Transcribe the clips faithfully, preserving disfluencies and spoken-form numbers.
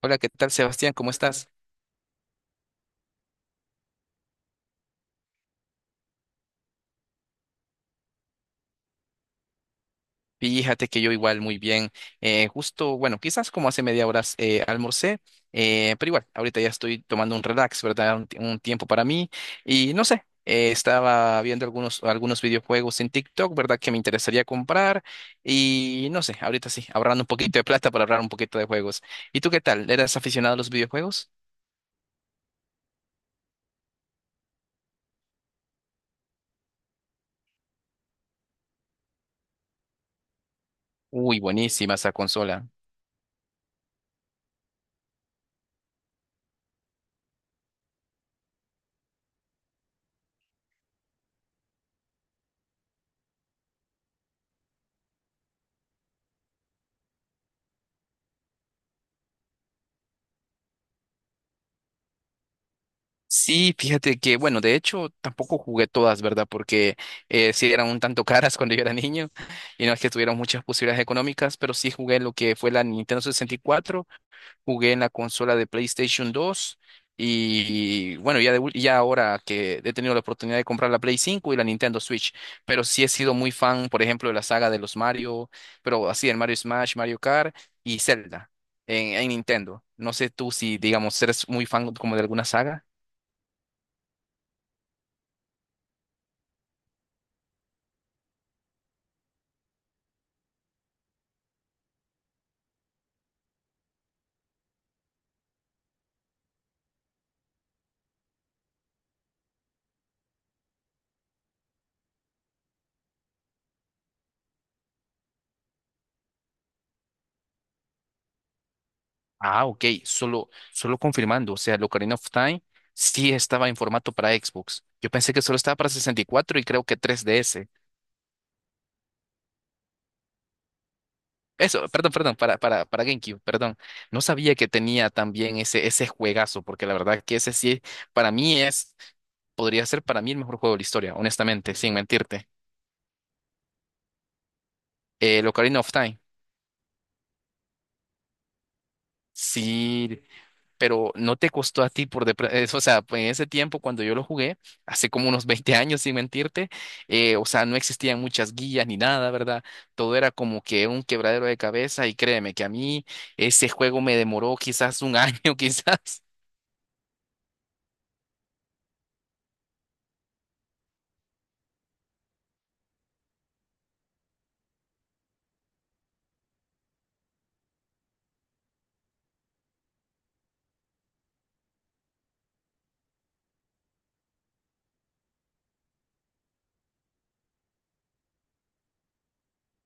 Hola, ¿qué tal, Sebastián? ¿Cómo estás? Fíjate que yo igual muy bien. Eh, justo, bueno, quizás como hace media hora eh, almorcé, eh, pero igual, ahorita ya estoy tomando un relax, ¿verdad? Un, ti- un tiempo para mí. Y no sé, eh, estaba viendo algunos, algunos videojuegos en TikTok, ¿verdad? Que me interesaría comprar. Y no sé, ahorita sí, ahorrando un poquito de plata para ahorrar un poquito de juegos. ¿Y tú qué tal? ¿Eras aficionado a los videojuegos? Uy, buenísima esa consola. Sí, fíjate que, bueno, de hecho tampoco jugué todas, ¿verdad? Porque eh, sí eran un tanto caras cuando yo era niño y no es que tuvieran muchas posibilidades económicas, pero sí jugué lo que fue la Nintendo sesenta y cuatro, jugué en la consola de PlayStation dos y bueno, ya, de ul- ya ahora que he tenido la oportunidad de comprar la Play cinco y la Nintendo Switch, pero sí he sido muy fan, por ejemplo, de la saga de los Mario, pero así el Mario Smash, Mario Kart y Zelda en, en Nintendo. No sé tú si, digamos, eres muy fan como de alguna saga. Ah, ok, solo, solo confirmando, o sea, el Ocarina of Time sí estaba en formato para Xbox. Yo pensé que solo estaba para sesenta y cuatro y cuatro y creo que tres D S. Eso, perdón, perdón, para, para, para GameCube, perdón. No sabía que tenía también ese, ese juegazo, porque la verdad que ese sí, para mí es, podría ser para mí el mejor juego de la historia, honestamente, sin mentirte. El Ocarina of Time. Sí, pero no te costó a ti por de pre- eso, o sea, pues, en ese tiempo cuando yo lo jugué, hace como unos veinte años, sin mentirte, eh, o sea, no existían muchas guías ni nada, ¿verdad? Todo era como que un quebradero de cabeza y créeme que a mí ese juego me demoró quizás un año, quizás.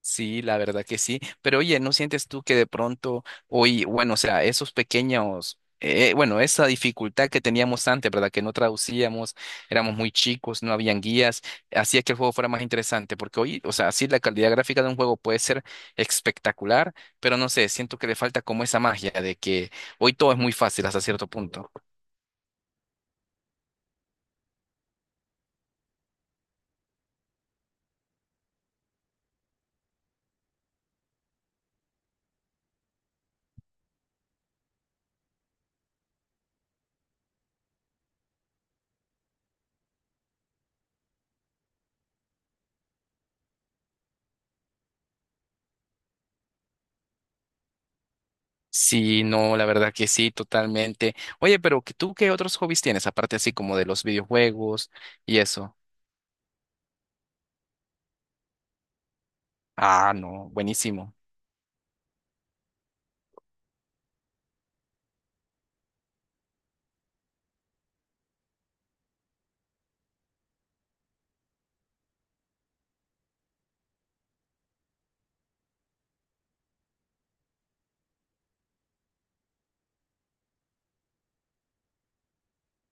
Sí, la verdad que sí. Pero oye, ¿no sientes tú que de pronto hoy, bueno, o sea, esos pequeños, eh, bueno, esa dificultad que teníamos antes, ¿verdad? Que no traducíamos, éramos muy chicos, no habían guías, hacía que el juego fuera más interesante, porque hoy, o sea, sí, la calidad gráfica de un juego puede ser espectacular, pero no sé, siento que le falta como esa magia de que hoy todo es muy fácil hasta cierto punto. Sí, no, la verdad que sí, totalmente. Oye, pero ¿tú qué otros hobbies tienes, aparte así como de los videojuegos y eso? Ah, no, buenísimo.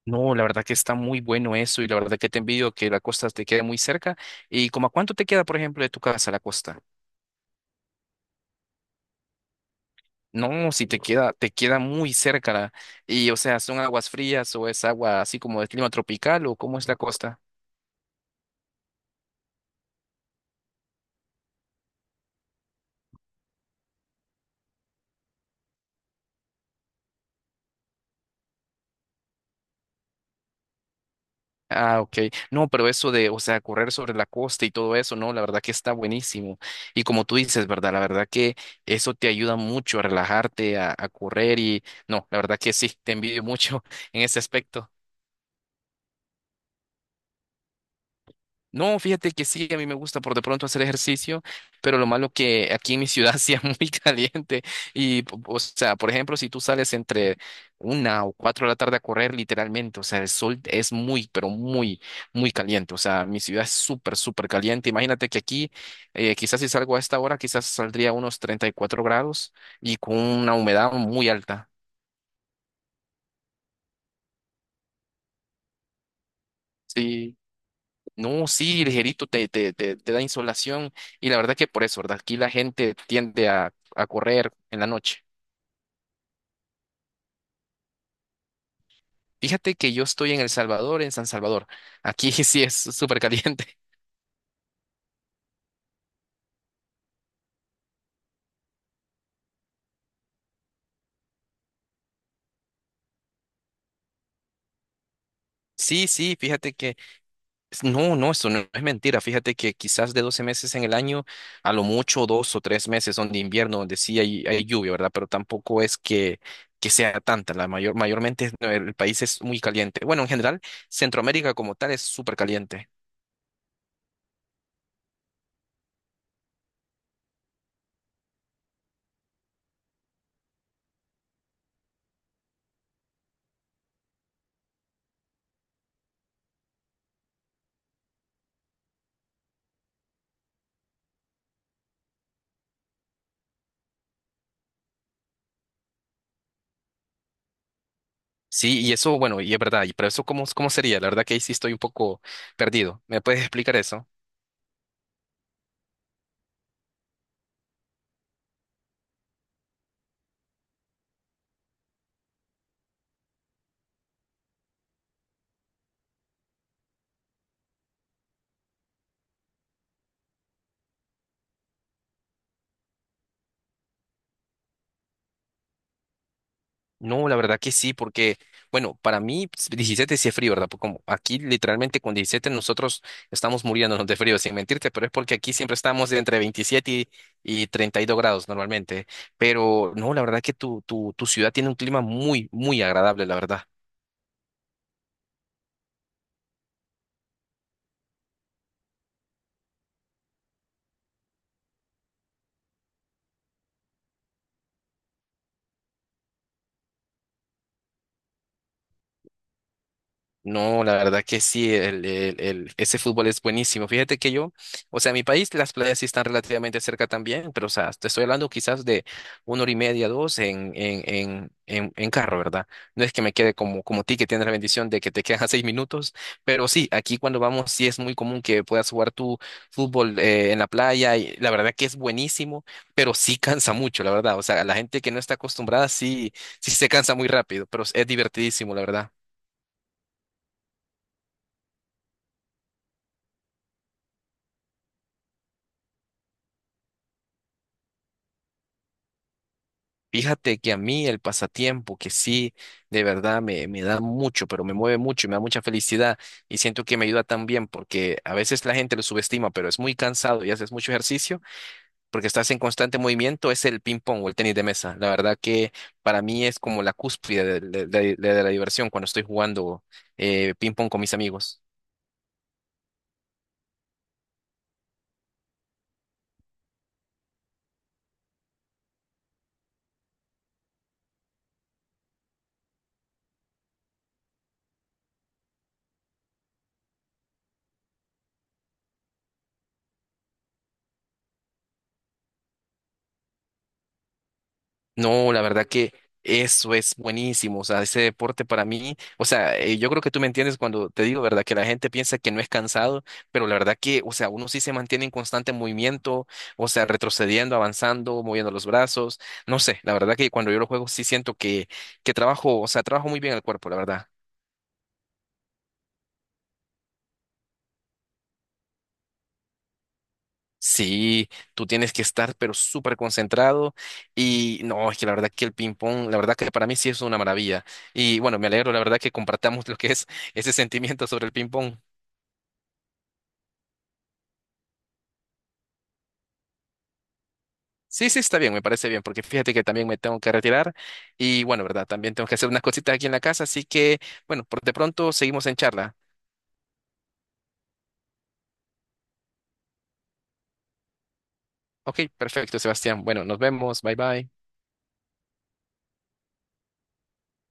No, la verdad que está muy bueno eso y la verdad que te envidio que la costa te quede muy cerca. ¿Y como a cuánto te queda, por ejemplo, de tu casa la costa? No, si te queda, te queda muy cerca la- y o sea, ¿son aguas frías o es agua así como de clima tropical o cómo es la costa? Ah, ok. No, pero eso de, o sea, correr sobre la costa y todo eso, no, la verdad que está buenísimo. Y como tú dices, ¿verdad? La verdad que eso te ayuda mucho a relajarte, a, a correr y no, la verdad que sí, te envidio mucho en ese aspecto. No, fíjate que sí, a mí me gusta por de pronto hacer ejercicio, pero lo malo que aquí en mi ciudad sí es muy caliente y, po- o sea, por ejemplo, si tú sales entre una o cuatro de la tarde a correr, literalmente, o sea, el sol es muy, pero muy, muy caliente, o sea, mi ciudad es súper, súper caliente. Imagínate que aquí, eh, quizás si salgo a esta hora, quizás saldría a unos treinta y cuatro grados y con una humedad muy alta. Sí. No, sí, ligerito, te, te, te, te da insolación. Y la verdad que por eso, ¿verdad? Aquí la gente tiende a, a correr en la noche. Fíjate que yo estoy en El Salvador, en San Salvador. Aquí sí es súper caliente. Sí, sí, fíjate que... No, no, eso no es mentira. Fíjate que quizás de doce meses en el año, a lo mucho dos o tres meses son de invierno, donde sí hay, hay lluvia, ¿verdad? Pero tampoco es que, que sea tanta. La mayor, mayormente es- el país es muy caliente. Bueno, en general, Centroamérica como tal es súper caliente. Sí, y eso, bueno, y es verdad, y pero eso cómo, cómo sería, la verdad que ahí sí estoy un poco perdido. ¿Me puedes explicar eso? No, la verdad que sí, porque, bueno, para mí pues, diecisiete sí es frío, ¿verdad? Porque como aquí literalmente con diecisiete nosotros estamos muriéndonos de frío, sin mentirte, pero es porque aquí siempre estamos de entre veintisiete y, y treinta y dos grados normalmente. Pero no, la verdad que tu, tu, tu ciudad tiene un clima muy, muy agradable, la verdad. No, la verdad que sí, el, el- el- ese fútbol es buenísimo. Fíjate que yo, o sea, en mi país las playas sí están relativamente cerca también, pero o sea, te estoy hablando quizás de una hora y media, dos en, en, en, en, en carro, ¿verdad? No es que me quede como, como ti, que tienes la bendición de que te quedan seis minutos, pero sí, aquí cuando vamos sí es muy común que puedas jugar tu fútbol eh, en la playa y la verdad que es buenísimo, pero sí cansa mucho, la verdad. O sea, la gente que no está acostumbrada sí, sí se cansa muy rápido, pero es divertidísimo, la verdad. Fíjate que a mí el pasatiempo, que sí, de verdad me, me da mucho, pero me mueve mucho y me da mucha felicidad y siento que me ayuda también porque a veces la gente lo subestima, pero es muy cansado y haces mucho ejercicio porque estás en constante movimiento, es el ping pong o el tenis de mesa. La verdad que para mí es como la cúspide de, de- de- de la diversión cuando estoy jugando eh, ping pong con mis amigos. No, la verdad que eso es buenísimo. O sea, ese deporte para mí, o sea, eh, yo creo que tú me entiendes cuando te digo, ¿verdad? Que la gente piensa que no es cansado, pero la verdad que, o sea, uno sí se mantiene en constante movimiento, o sea, retrocediendo, avanzando, moviendo los brazos. No sé, la verdad que cuando yo lo juego sí siento que, que trabajo, o sea, trabajo muy bien el cuerpo, la verdad. Sí, tú tienes que estar pero súper concentrado y no, es que la verdad que el ping pong, la verdad que para mí sí es una maravilla. Y bueno, me alegro, la verdad que compartamos lo que es ese sentimiento sobre el ping pong. Sí, sí, está bien, me parece bien, porque fíjate que también me tengo que retirar y bueno, verdad, también tengo que hacer unas cositas aquí en la casa, así que bueno, por de pronto seguimos en charla. Ok, perfecto, Sebastián. Bueno, nos vemos, bye bye.